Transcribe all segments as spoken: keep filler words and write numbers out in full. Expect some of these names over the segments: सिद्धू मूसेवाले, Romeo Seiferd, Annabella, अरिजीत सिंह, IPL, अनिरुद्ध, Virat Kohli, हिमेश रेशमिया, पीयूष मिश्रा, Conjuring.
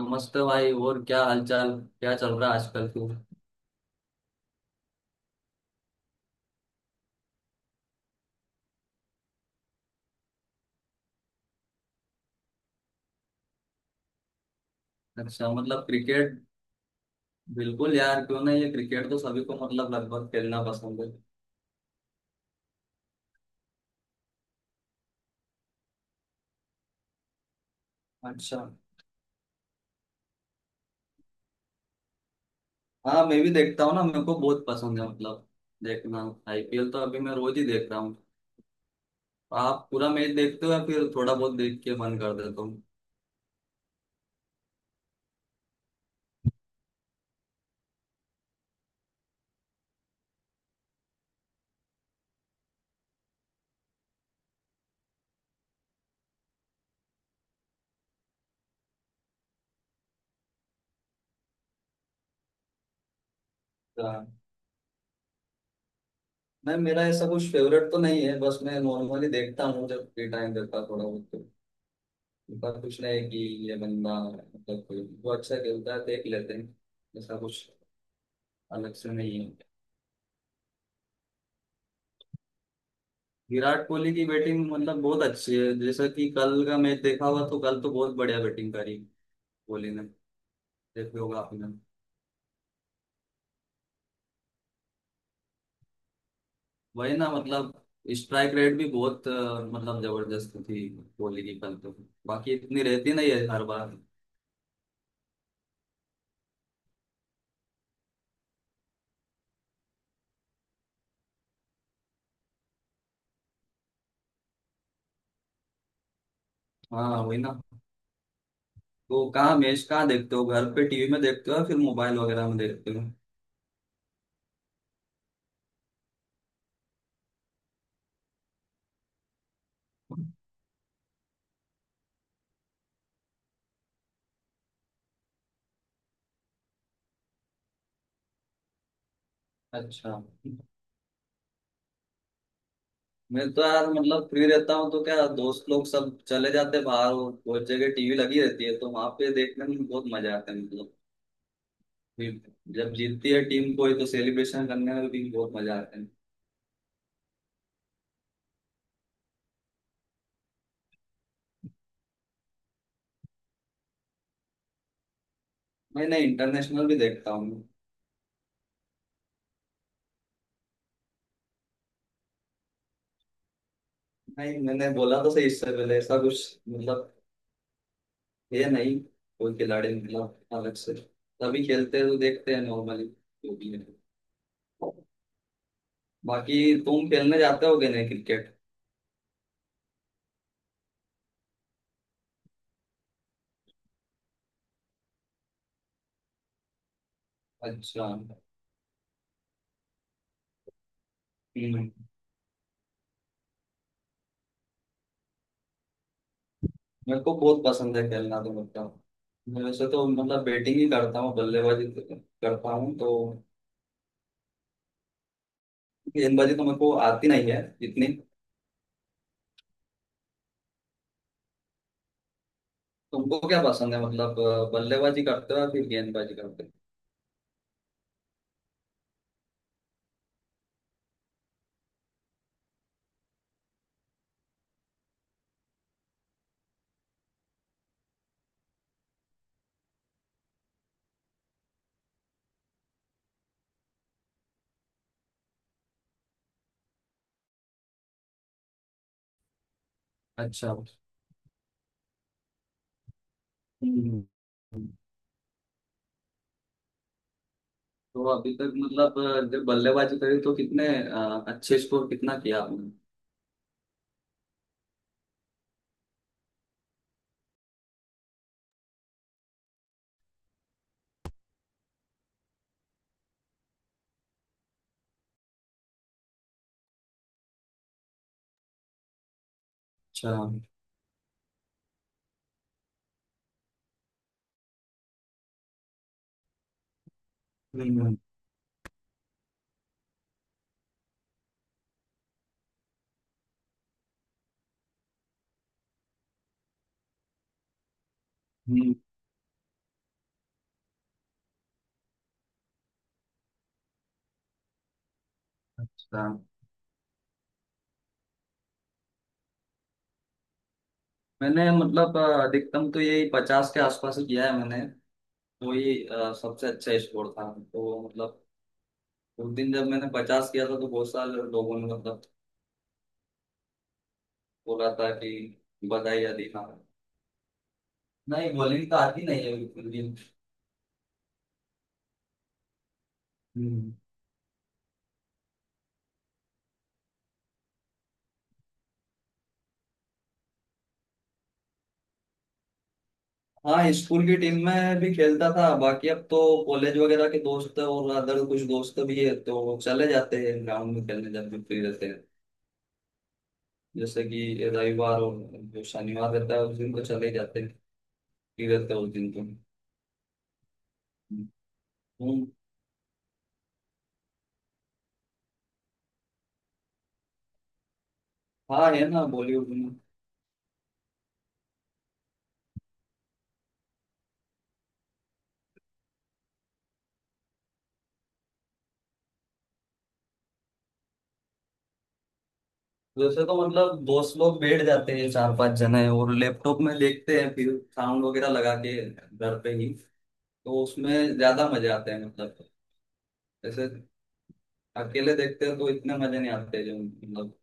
नमस्ते भाई। और क्या हालचाल, क्या चल रहा है आजकल तू? अच्छा, मतलब क्रिकेट। बिल्कुल यार, क्यों नहीं, ये क्रिकेट तो सभी को मतलब लगभग खेलना पसंद है। अच्छा। हाँ, मैं भी देखता हूँ ना, मेरे को बहुत पसंद है मतलब देखना। आईपीएल तो अभी मैं रोज ही देख रहा हूँ। आप पूरा मैच देखते हो या फिर थोड़ा बहुत देख के बंद कर देता हूँ? हाँ। नहीं, मेरा ऐसा कुछ फेवरेट तो नहीं है, बस मैं नॉर्मली देखता हूँ जब फ्री टाइम रहता है थोड़ा बहुत तो। पर कुछ नहीं है कि ये बंदा मतलब कोई वो अच्छा खेलता है देख लेते हैं, ऐसा कुछ अलग से नहीं है। विराट कोहली की बैटिंग मतलब बहुत अच्छी है, जैसा कि कल का मैच देखा हुआ तो कल तो बहुत बढ़िया बैटिंग करी कोहली ने। देखे होगा आपने। वही ना मतलब स्ट्राइक रेट भी बहुत अ, मतलब जबरदस्त थी कोहली की कल तो। बाकी इतनी रहती नहीं है हर बार। हाँ वही ना। तो कहाँ मैच कहाँ देखते हो, घर पे टीवी में देखते हो या फिर मोबाइल वगैरह में देखते हो? अच्छा। मैं तो यार मतलब फ्री रहता हूँ तो क्या दोस्त लोग सब चले जाते हैं बाहर, और बहुत जगह टीवी लगी रहती है तो वहां पे देखने में बहुत मजा आता है मतलब। जब जीतती है टीम कोई तो सेलिब्रेशन करने में भी बहुत मजा आता है। मैं ना इंटरनेशनल भी देखता हूँ। नहीं, मैंने बोला तो सही इससे पहले ऐसा कुछ मतलब है नहीं, कोई खिलाड़ी मतलब अलग से। तभी खेलते हैं तो देखते हैं नॉर्मली, जो भी है। बाकी तुम खेलने जाते होगे नहीं क्रिकेट? अच्छा। हम्म। मेरे को बहुत पसंद है खेलना तो मतलब, मैं वैसे तो मतलब बैटिंग ही करता हूँ, बल्लेबाजी तो करता हूँ तो। गेंदबाजी तो मेरे को आती नहीं है इतनी। तुमको क्या पसंद है मतलब अ, बल्लेबाजी करते हो या फिर गेंदबाजी करते हो? अच्छा। हम्म। तो अभी तक मतलब अ, जब बल्लेबाजी करी तो कितने अ, अच्छे स्कोर कितना किया आपने? अच्छा। हम्म। हम्म। अच्छा। मैंने मतलब अ, अधिकतम तो यही पचास के आसपास ही किया है मैंने। वही अ, सबसे अच्छा स्कोर था तो मतलब उस दिन जब मैंने पचास किया था तो बहुत सारे लोगों ने मतलब बोला था कि बधाई या दी, हाँ। नहीं, बॉलिंग तो आती नहीं है बिल्कुल भी। हाँ, स्कूल की टीम में भी खेलता था। बाकी अब तो कॉलेज वगैरह के दोस्त और अदर कुछ दोस्त भी है तो चले जाते हैं ग्राउंड में खेलने जब भी फ्री रहते हैं। जैसे कि रविवार और जो शनिवार रहता है उस दिन तो चले ही जाते हैं, फ्री रहते हैं उस दिन तो। हम्म। हाँ है ना, बॉलीवुड में। वैसे तो मतलब दोस्त लोग बैठ जाते हैं चार पांच जने, और लैपटॉप में देखते हैं फिर, साउंड वगैरह लगा के घर पे ही। तो उसमें ज्यादा मजे आते हैं मतलब। जैसे अकेले देखते हैं तो इतने मजे नहीं आते जो मतलब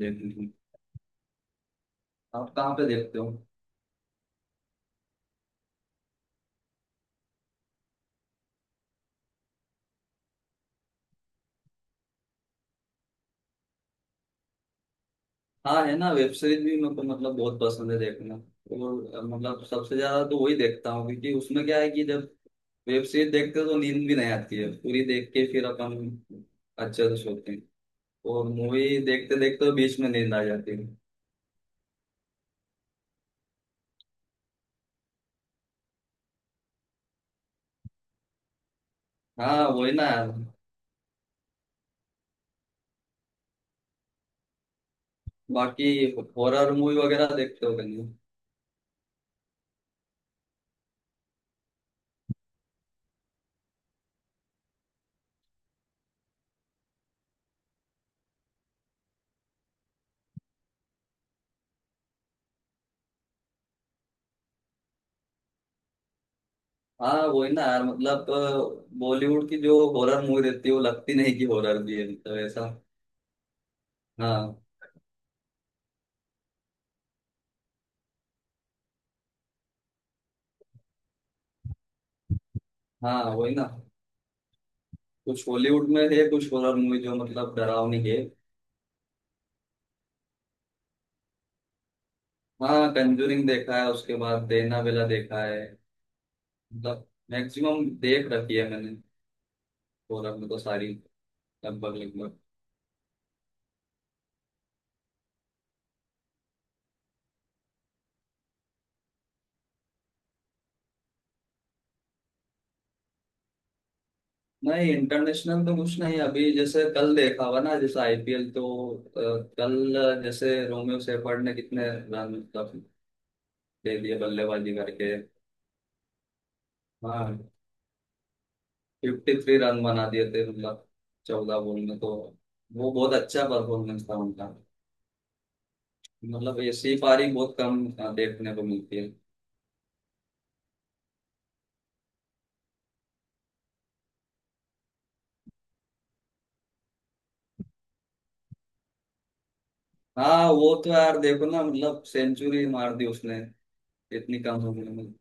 देखने। आप कहाँ पे देखते हो? हाँ है ना, वेब सीरीज भी मेरे को मतलब बहुत पसंद है देखना, और अ, मतलब सबसे ज्यादा तो वही देखता हूँ, क्योंकि उसमें क्या है कि जब वेब सीरीज देखते हो तो नींद भी नहीं आती है, पूरी देख के फिर अपन अच्छे से सोते हैं। और मूवी देखते देखते तो बीच में नींद आ जाती है। हाँ वही ना यार। बाकी हॉरर मूवी वगैरह देखते हो कहीं? हाँ वही ना यार, मतलब बॉलीवुड की जो हॉरर मूवी रहती है वो लगती नहीं कि हॉरर भी है मतलब ऐसा। हाँ। हाँ वही ना। कुछ हॉलीवुड में है कुछ हॉरर मूवी जो मतलब डरावनी है। हाँ, कंजूरिंग देखा है, उसके बाद एनाबेला देखा है। मतलब मैक्सिमम देख रखी है मैंने, हॉरर में तो सारी, लगभग लगभग। नहीं, इंटरनेशनल तो कुछ नहीं। अभी जैसे कल देखा हुआ ना, जैसे आईपीएल तो अ, कल जैसे रोमियो सेफर्ड ने कितने रन मतलब दे दिए बल्लेबाजी करके। हाँ। फिफ्टी थ्री रन बना दिए थे मतलब, चौदह बॉल में तो। वो बहुत अच्छा परफॉर्मेंस था उनका। मतलब ऐसी पारी बहुत कम अ, देखने को मिलती है। हाँ वो तो यार देखो ना, मतलब सेंचुरी मार दी उसने, इतनी कम उम्र में।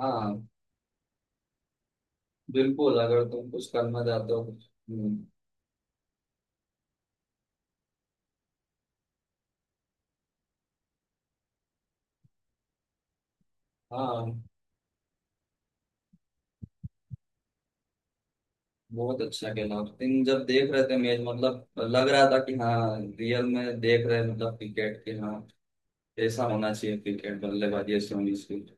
हाँ बिल्कुल, अगर तुम कुछ करना चाहते हो कुछ। हम्म। हाँ बहुत अच्छा खेला उस दिन जब देख रहे थे मैच, मतलब लग रहा था कि हाँ रियल में देख रहे हैं मतलब क्रिकेट के। हाँ ऐसा होना चाहिए, क्रिकेट बल्लेबाजी ऐसी होनी चाहिए।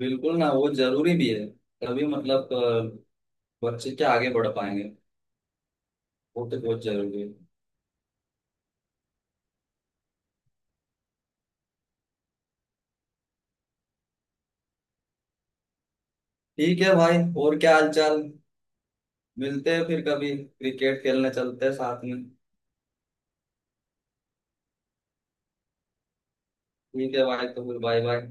बिल्कुल ना, वो जरूरी भी है। तभी मतलब अ, बच्चे क्या आगे बढ़ पाएंगे। वो तो बहुत जरूरी है। ठीक है भाई। और क्या हाल चाल। मिलते हैं फिर कभी, क्रिकेट खेलने चलते हैं साथ में। ठीक है भाई, तो फिर बाय बाय।